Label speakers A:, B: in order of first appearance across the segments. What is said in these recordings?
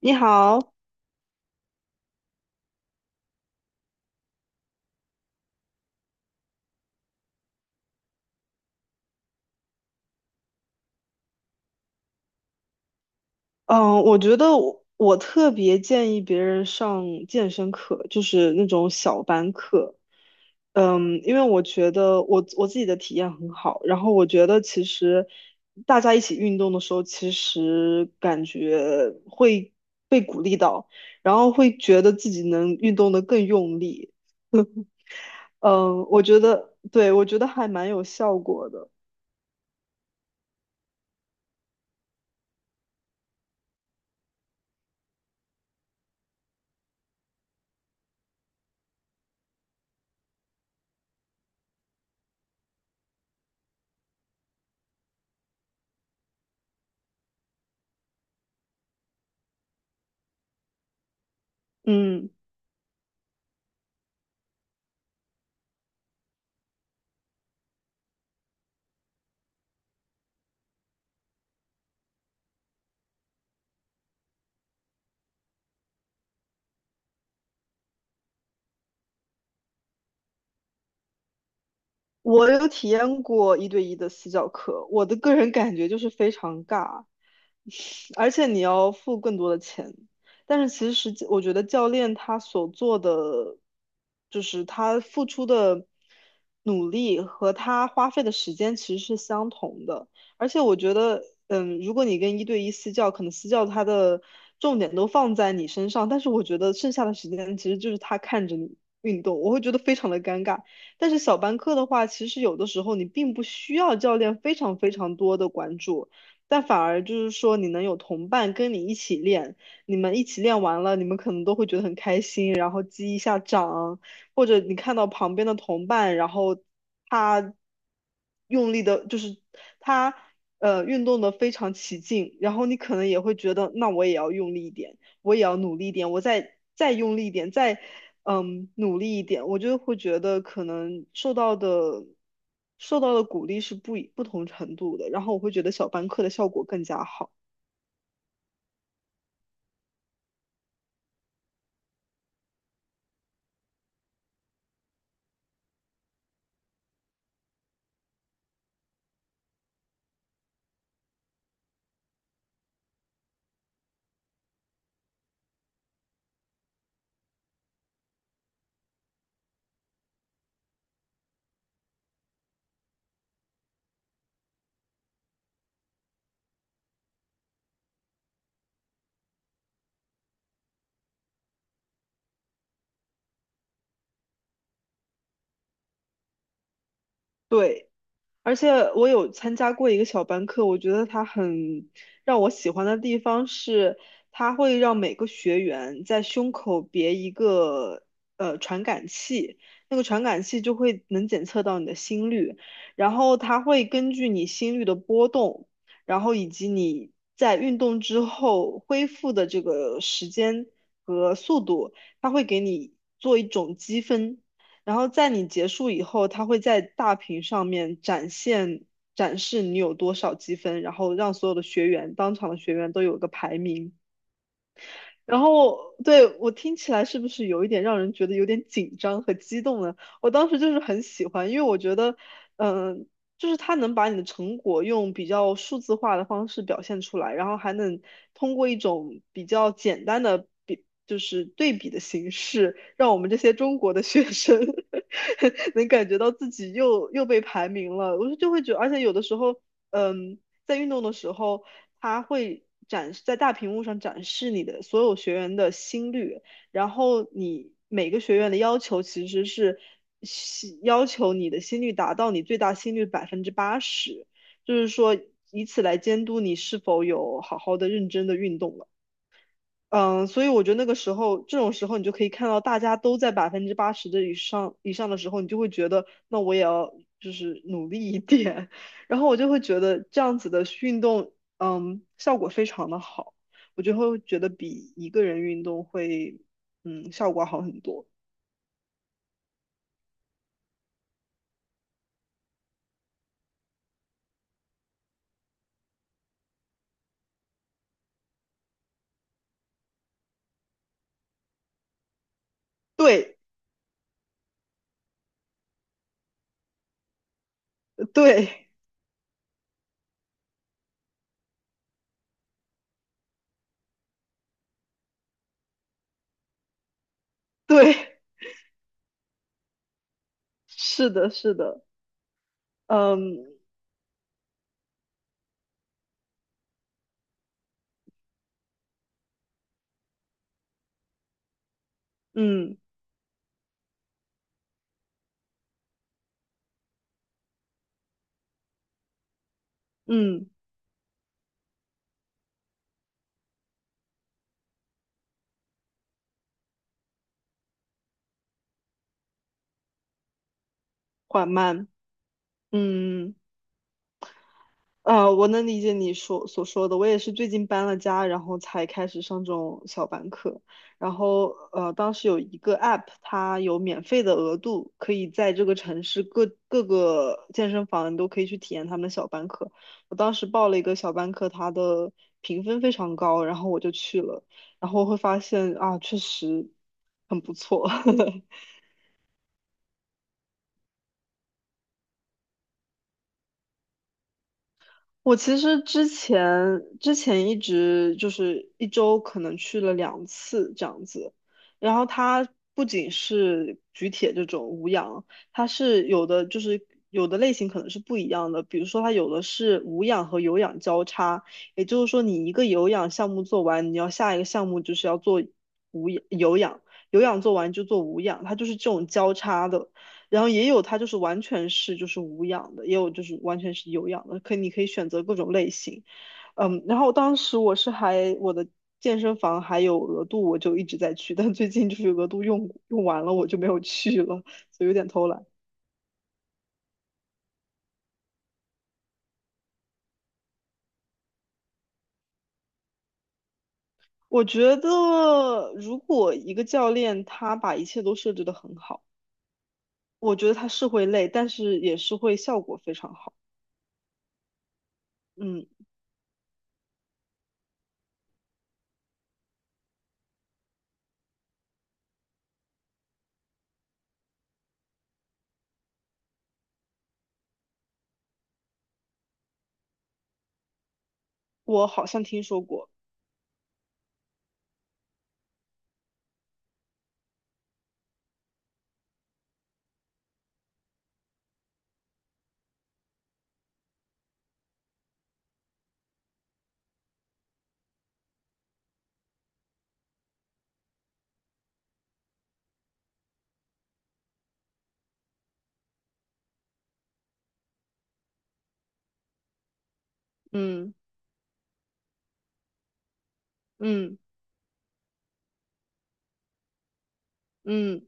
A: 你好。嗯，我觉得我特别建议别人上健身课，就是那种小班课。因为我觉得我自己的体验很好，然后我觉得其实大家一起运动的时候，其实感觉会被鼓励到，然后会觉得自己能运动的更用力。嗯，我觉得，对，我觉得还蛮有效果的。嗯。我有体验过一对一的私教课，我的个人感觉就是非常尬，而且你要付更多的钱。但是其实我觉得教练他所做的，就是他付出的努力和他花费的时间其实是相同的。而且我觉得，如果你跟一对一私教，可能私教他的重点都放在你身上，但是我觉得剩下的时间其实就是他看着你运动，我会觉得非常的尴尬。但是小班课的话，其实有的时候你并不需要教练非常非常多的关注。但反而就是说你能有同伴跟你一起练，你们一起练完了，你们可能都会觉得很开心，然后击一下掌，或者你看到旁边的同伴，然后他用力的，就是他运动的非常起劲，然后你可能也会觉得那我也要用力一点。我也要努力一点，我再用力一点，再努力一点，我就会觉得可能受到的鼓励是不同程度的，然后我会觉得小班课的效果更加好。对。而且我有参加过一个小班课，我觉得它很让我喜欢的地方是，它会让每个学员在胸口别一个传感器，那个传感器就会能检测到你的心率，然后它会根据你心率的波动，然后以及你在运动之后恢复的这个时间和速度，它会给你做一种积分。然后在你结束以后，他会在大屏上面展示你有多少积分，然后让所有的学员，当场的学员都有个排名。然后对我听起来是不是有一点让人觉得有点紧张和激动呢？我当时就是很喜欢，因为我觉得，嗯、就是他能把你的成果用比较数字化的方式表现出来，然后还能通过一种比较简单的比，就是对比的形式，让我们这些中国的学生 能感觉到自己又被排名了。我就会觉得，而且有的时候，嗯。在运动的时候，它会展示在大屏幕上展示你的所有学员的心率，然后你每个学员的要求其实是要求你的心率达到你最大心率百分之八十，就是说以此来监督你是否有好好的认真的运动了。嗯，所以我觉得那个时候，这种时候你就可以看到大家都在百分之八十的以上的时候，你就会觉得，那我也要就是努力一点。然后我就会觉得这样子的运动，效果非常的好，我就会觉得比一个人运动会，效果好很多。对对对，是的，是的，嗯嗯嗯，缓慢，嗯。我能理解你所说的，我也是最近搬了家，然后才开始上这种小班课。然后当时有一个 app，它有免费的额度，可以在这个城市各个健身房你都可以去体验他们的小班课。我当时报了一个小班课，它的评分非常高，然后我就去了，然后会发现啊，确实很不错。我其实之前一直就是一周可能去了2次这样子，然后它不仅是举铁这种无氧，它是有的类型可能是不一样的，比如说它有的是无氧和有氧交叉，也就是说你一个有氧项目做完，你要下一个项目就是要做无氧有氧，有氧做完就做无氧，它就是这种交叉的。然后也有它就是完全是就是无氧的，也有就是完全是有氧的，你可以选择各种类型。然后当时我是还我的健身房还有额度，我就一直在去，但最近就是额度用完了，我就没有去了，所以有点偷懒。我觉得如果一个教练他把一切都设置得很好，我觉得他是会累，但是也是会效果非常好。嗯，我好像听说过。嗯嗯嗯。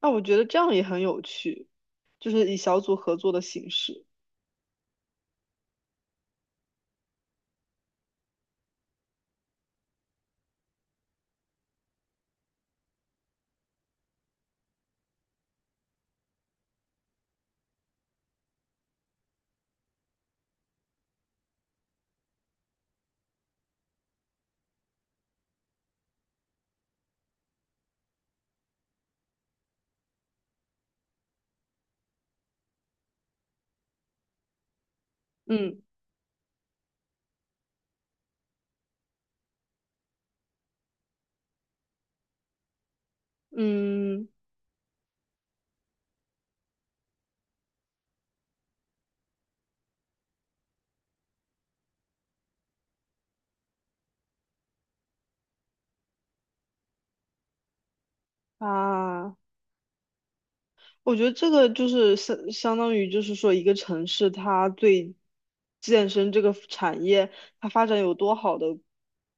A: 那我觉得这样也很有趣，就是以小组合作的形式。嗯嗯啊。我觉得这个就是相当于就是说一个城市它对健身这个产业它发展有多好的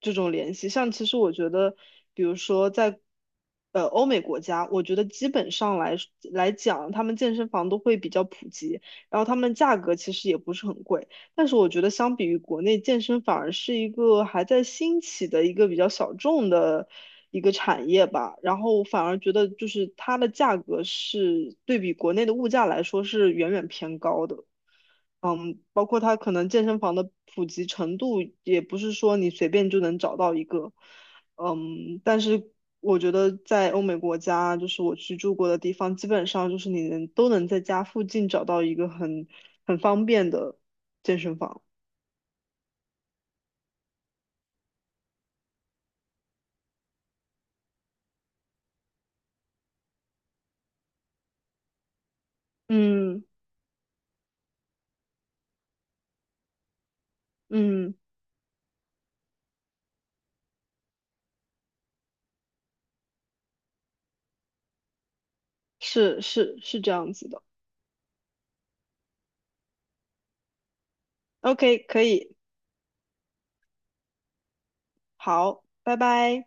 A: 这种联系。像其实我觉得，比如说在欧美国家，我觉得基本上来讲，他们健身房都会比较普及，然后他们价格其实也不是很贵。但是我觉得，相比于国内健身，反而是一个还在兴起的一个比较小众的一个产业吧。然后我反而觉得，就是它的价格是对比国内的物价来说是远远偏高的。包括它可能健身房的普及程度，也不是说你随便就能找到一个。但是我觉得在欧美国家，就是我去住过的地方，基本上就是你都能在家附近找到一个很方便的健身房。嗯嗯。是是是这样子的。OK，可以，好，拜拜。